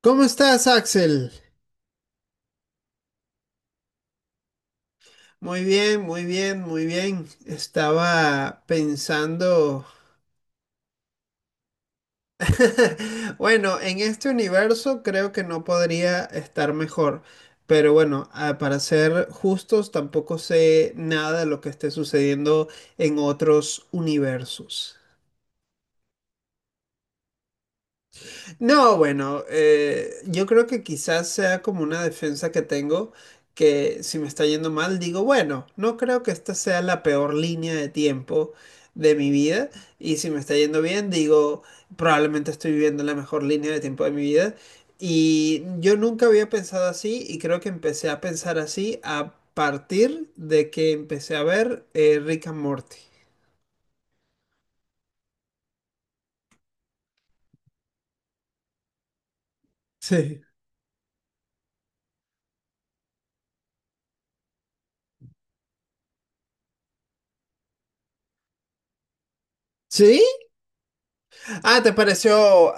¿Cómo estás, Axel? Muy bien, muy bien, muy bien. Estaba pensando, bueno, en este universo creo que no podría estar mejor, pero bueno, para ser justos, tampoco sé nada de lo que esté sucediendo en otros universos. No, bueno, yo creo que quizás sea como una defensa que tengo, que si me está yendo mal, digo, bueno, no creo que esta sea la peor línea de tiempo de mi vida, y si me está yendo bien, digo, probablemente estoy viviendo la mejor línea de tiempo de mi vida, y yo nunca había pensado así, y creo que empecé a pensar así a partir de que empecé a ver Rick and Morty. Sí. ¿Sí? Ah,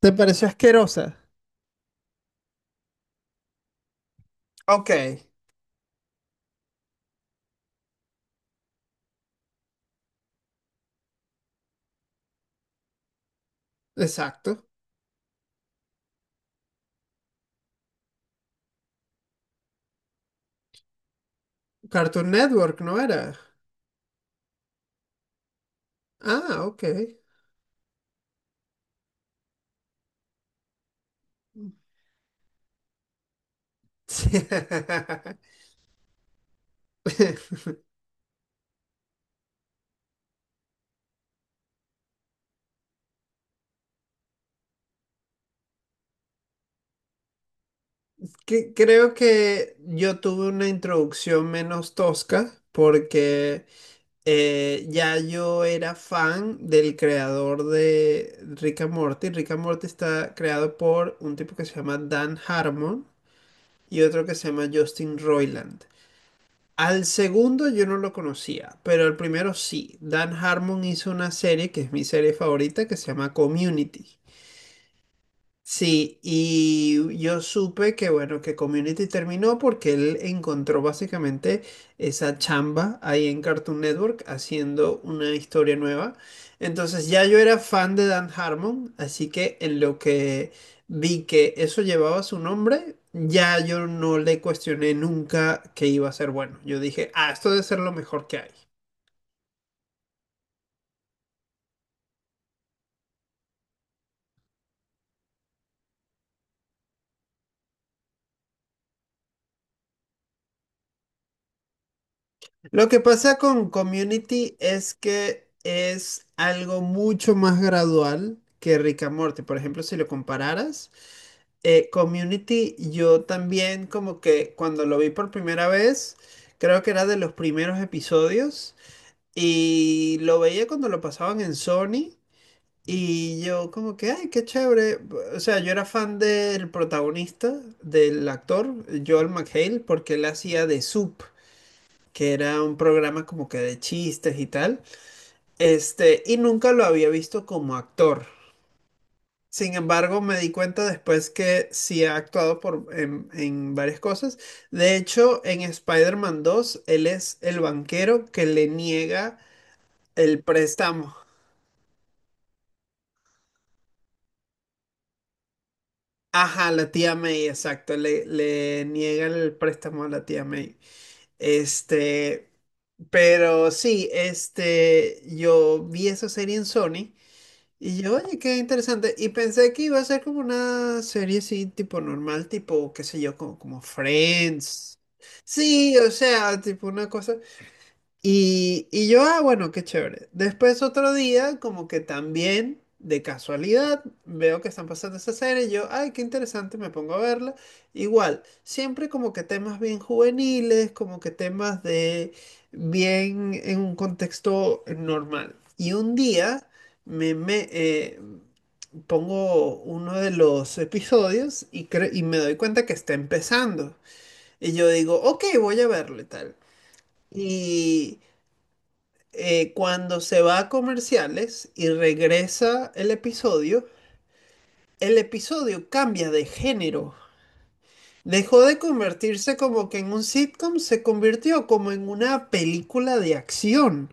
te pareció asquerosa? Ok. Exacto. Cartoon Network, ¿no era? Ah, ok. Sí. Creo que yo tuve una introducción menos tosca porque ya yo era fan del creador de Rick and Morty. Rick and Morty está creado por un tipo que se llama Dan Harmon y otro que se llama Justin Roiland. Al segundo yo no lo conocía, pero el primero sí. Dan Harmon hizo una serie que es mi serie favorita que se llama Community. Sí, y yo supe que bueno, que Community terminó porque él encontró básicamente esa chamba ahí en Cartoon Network haciendo una historia nueva. Entonces ya yo era fan de Dan Harmon, así que en lo que vi que eso llevaba su nombre, ya yo no le cuestioné nunca que iba a ser bueno. Yo dije, ah, esto debe ser lo mejor que hay. Lo que pasa con Community es que es algo mucho más gradual que Rick and Morty. Por ejemplo, si lo compararas, Community, yo también como que cuando lo vi por primera vez, creo que era de los primeros episodios y lo veía cuando lo pasaban en Sony y yo como que, ay, qué chévere. O sea, yo era fan del protagonista, del actor, Joel McHale, porque él hacía de Soup que era un programa como que de chistes y tal, este, y nunca lo había visto como actor. Sin embargo, me di cuenta después que sí ha actuado en varias cosas. De hecho, en Spider-Man 2, él es el banquero que le niega el préstamo. Ajá, la tía May, exacto, le niega el préstamo a la tía May. Este, pero sí, este, yo vi esa serie en Sony. Y yo, oye, qué interesante. Y pensé que iba a ser como una serie así, tipo normal, tipo, qué sé yo, como, como Friends. Sí, o sea, tipo una cosa. Y yo, ah, bueno, qué chévere. Después otro día, como que también, de casualidad, veo que están pasando esa serie y yo, ay, qué interesante, me pongo a verla. Igual, siempre como que temas bien juveniles, como que temas de bien en un contexto normal. Y un día me, me pongo uno de los episodios y, y me doy cuenta que está empezando. Y yo digo, ok, voy a verlo y tal cuando se va a comerciales y regresa el episodio cambia de género. Dejó de convertirse como que en un sitcom, se convirtió como en una película de acción.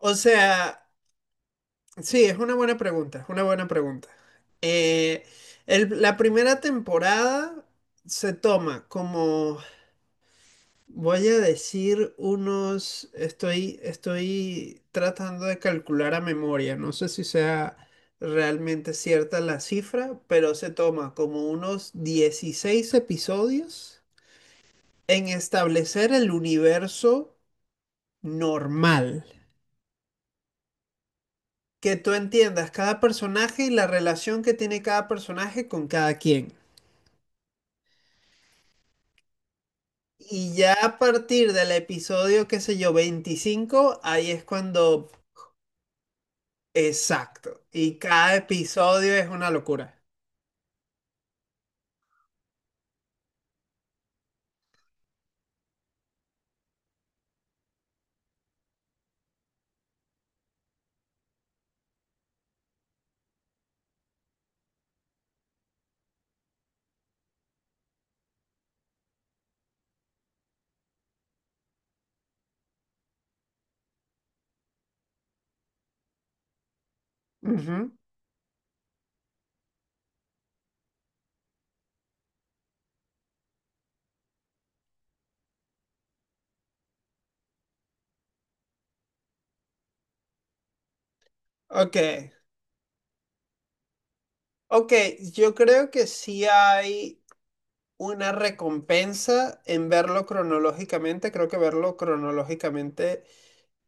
O sea, sí, es una buena pregunta, es una buena pregunta. Eh, la primera temporada se toma como. Voy a decir unos, estoy tratando de calcular a memoria, no sé si sea realmente cierta la cifra, pero se toma como unos 16 episodios en establecer el universo normal, que tú entiendas cada personaje y la relación que tiene cada personaje con cada quien. Y ya a partir del episodio, qué sé yo, 25 ahí es cuando. Exacto. Y cada episodio es una locura. Ujú. Ok, ok, yo creo que sí hay una recompensa en verlo cronológicamente. Creo que verlo cronológicamente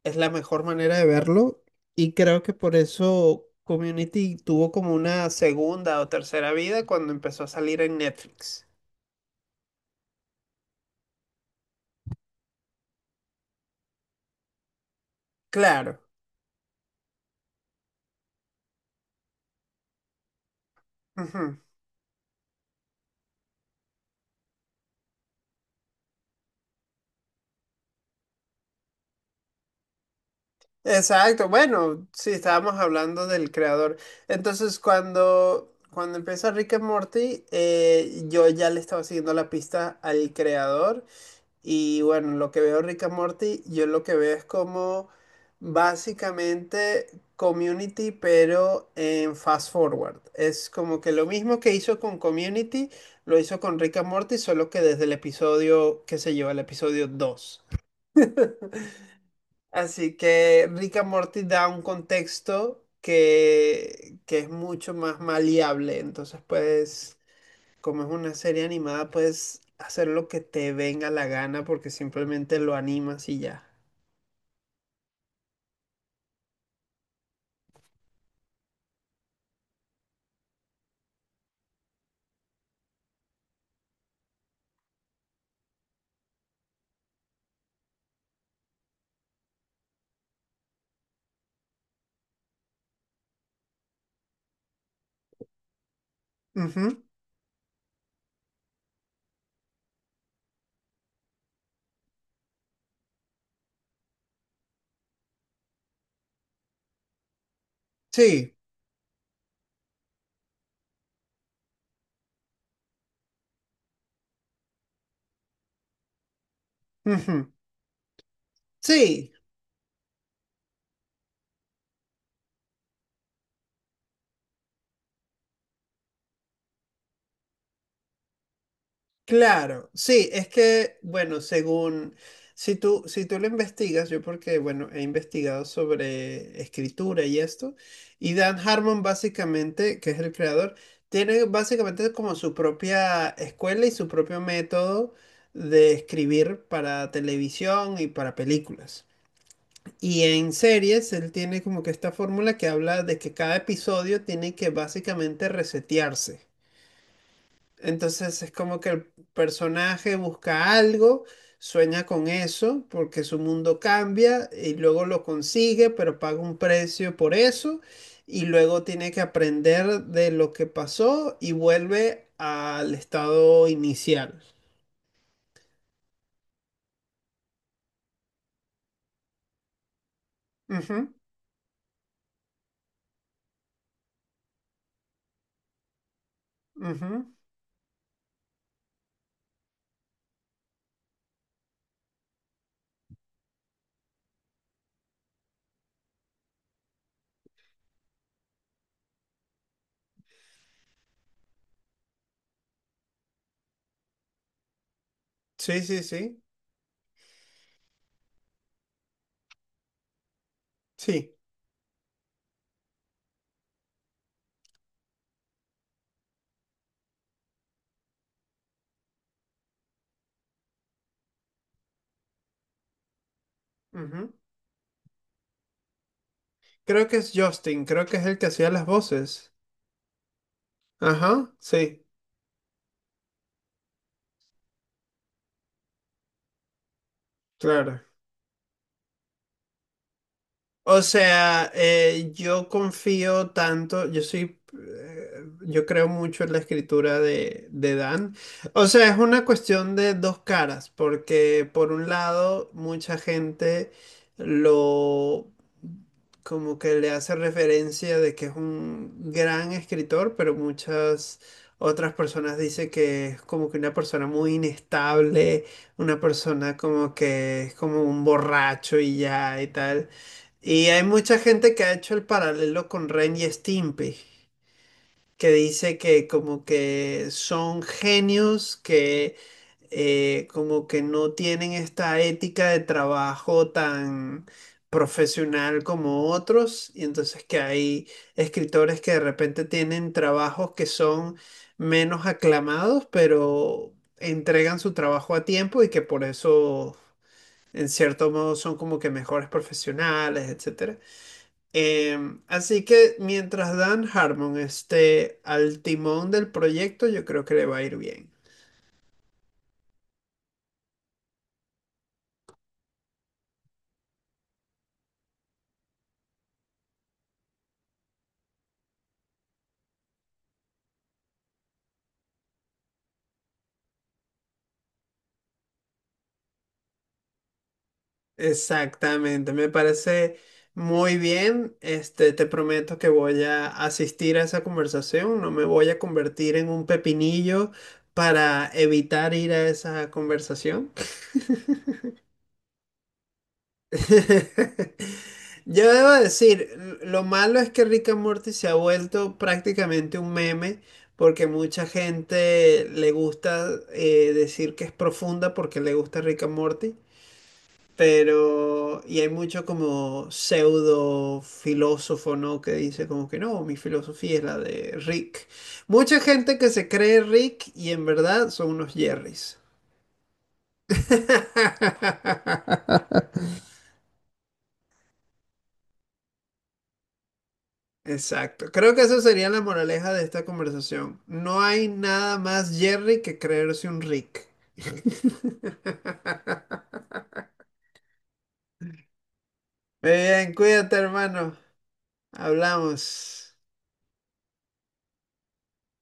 es la mejor manera de verlo y creo que por eso Community tuvo como una segunda o tercera vida cuando empezó a salir en Netflix. Claro. Ujú. Exacto, bueno, sí, estábamos hablando del creador. Entonces, cuando empieza Rick and Morty, yo ya le estaba siguiendo la pista al creador. Y bueno, lo que veo Rick and Morty, yo lo que veo es como básicamente Community, pero en fast forward. Es como que lo mismo que hizo con Community, lo hizo con Rick and Morty, solo que desde el episodio, qué sé yo, el episodio 2. Así que Rick and Morty da un contexto que es mucho más maleable. Entonces puedes, como es una serie animada, puedes hacer lo que te venga la gana porque simplemente lo animas y ya. Ujú. Sí. Ujú. Sí. Claro, sí, es que, bueno, según, si tú lo investigas, yo porque, bueno, he investigado sobre escritura y esto, y Dan Harmon básicamente, que es el creador, tiene básicamente como su propia escuela y su propio método de escribir para televisión y para películas. Y en series, él tiene como que esta fórmula que habla de que cada episodio tiene que básicamente resetearse. Entonces es como que el personaje busca algo, sueña con eso, porque su mundo cambia y luego lo consigue, pero paga un precio por eso y luego tiene que aprender de lo que pasó y vuelve al estado inicial. Ujú, ujú. Sí, sí, sí, sí. Ujú. Creo que es Justin, creo que es el que hacía las voces. Ajá, sí, claro. O sea, yo confío tanto, yo soy, yo creo mucho en la escritura de Dan. O sea, es una cuestión de dos caras, porque por un lado, mucha gente lo, como que le hace referencia de que es un gran escritor, pero muchas otras personas dicen que es como que una persona muy inestable, una persona como que es como un borracho y ya y tal. Y hay mucha gente que ha hecho el paralelo con Ren y Stimpy, que dice que como que son genios que como que no tienen esta ética de trabajo tan profesional como otros, y entonces que hay escritores que de repente tienen trabajos que son menos aclamados, pero entregan su trabajo a tiempo y que por eso en cierto modo son como que mejores profesionales, etcétera. Así que mientras Dan Harmon esté al timón del proyecto, yo creo que le va a ir bien. Exactamente, me parece muy bien. Este, te prometo que voy a asistir a esa conversación. No me voy a convertir en un pepinillo para evitar ir a esa conversación. Yo debo decir, lo malo es que Rick and Morty se ha vuelto prácticamente un meme porque mucha gente le gusta decir que es profunda porque le gusta Rick and Morty, pero y hay mucho como pseudo filósofo, ¿no? Que dice como que no, mi filosofía es la de Rick. Mucha gente que se cree Rick y en verdad son unos Jerrys. Exacto. Creo que esa sería la moraleja de esta conversación. No hay nada más Jerry que creerse un Rick. Muy bien, cuídate, hermano. Hablamos.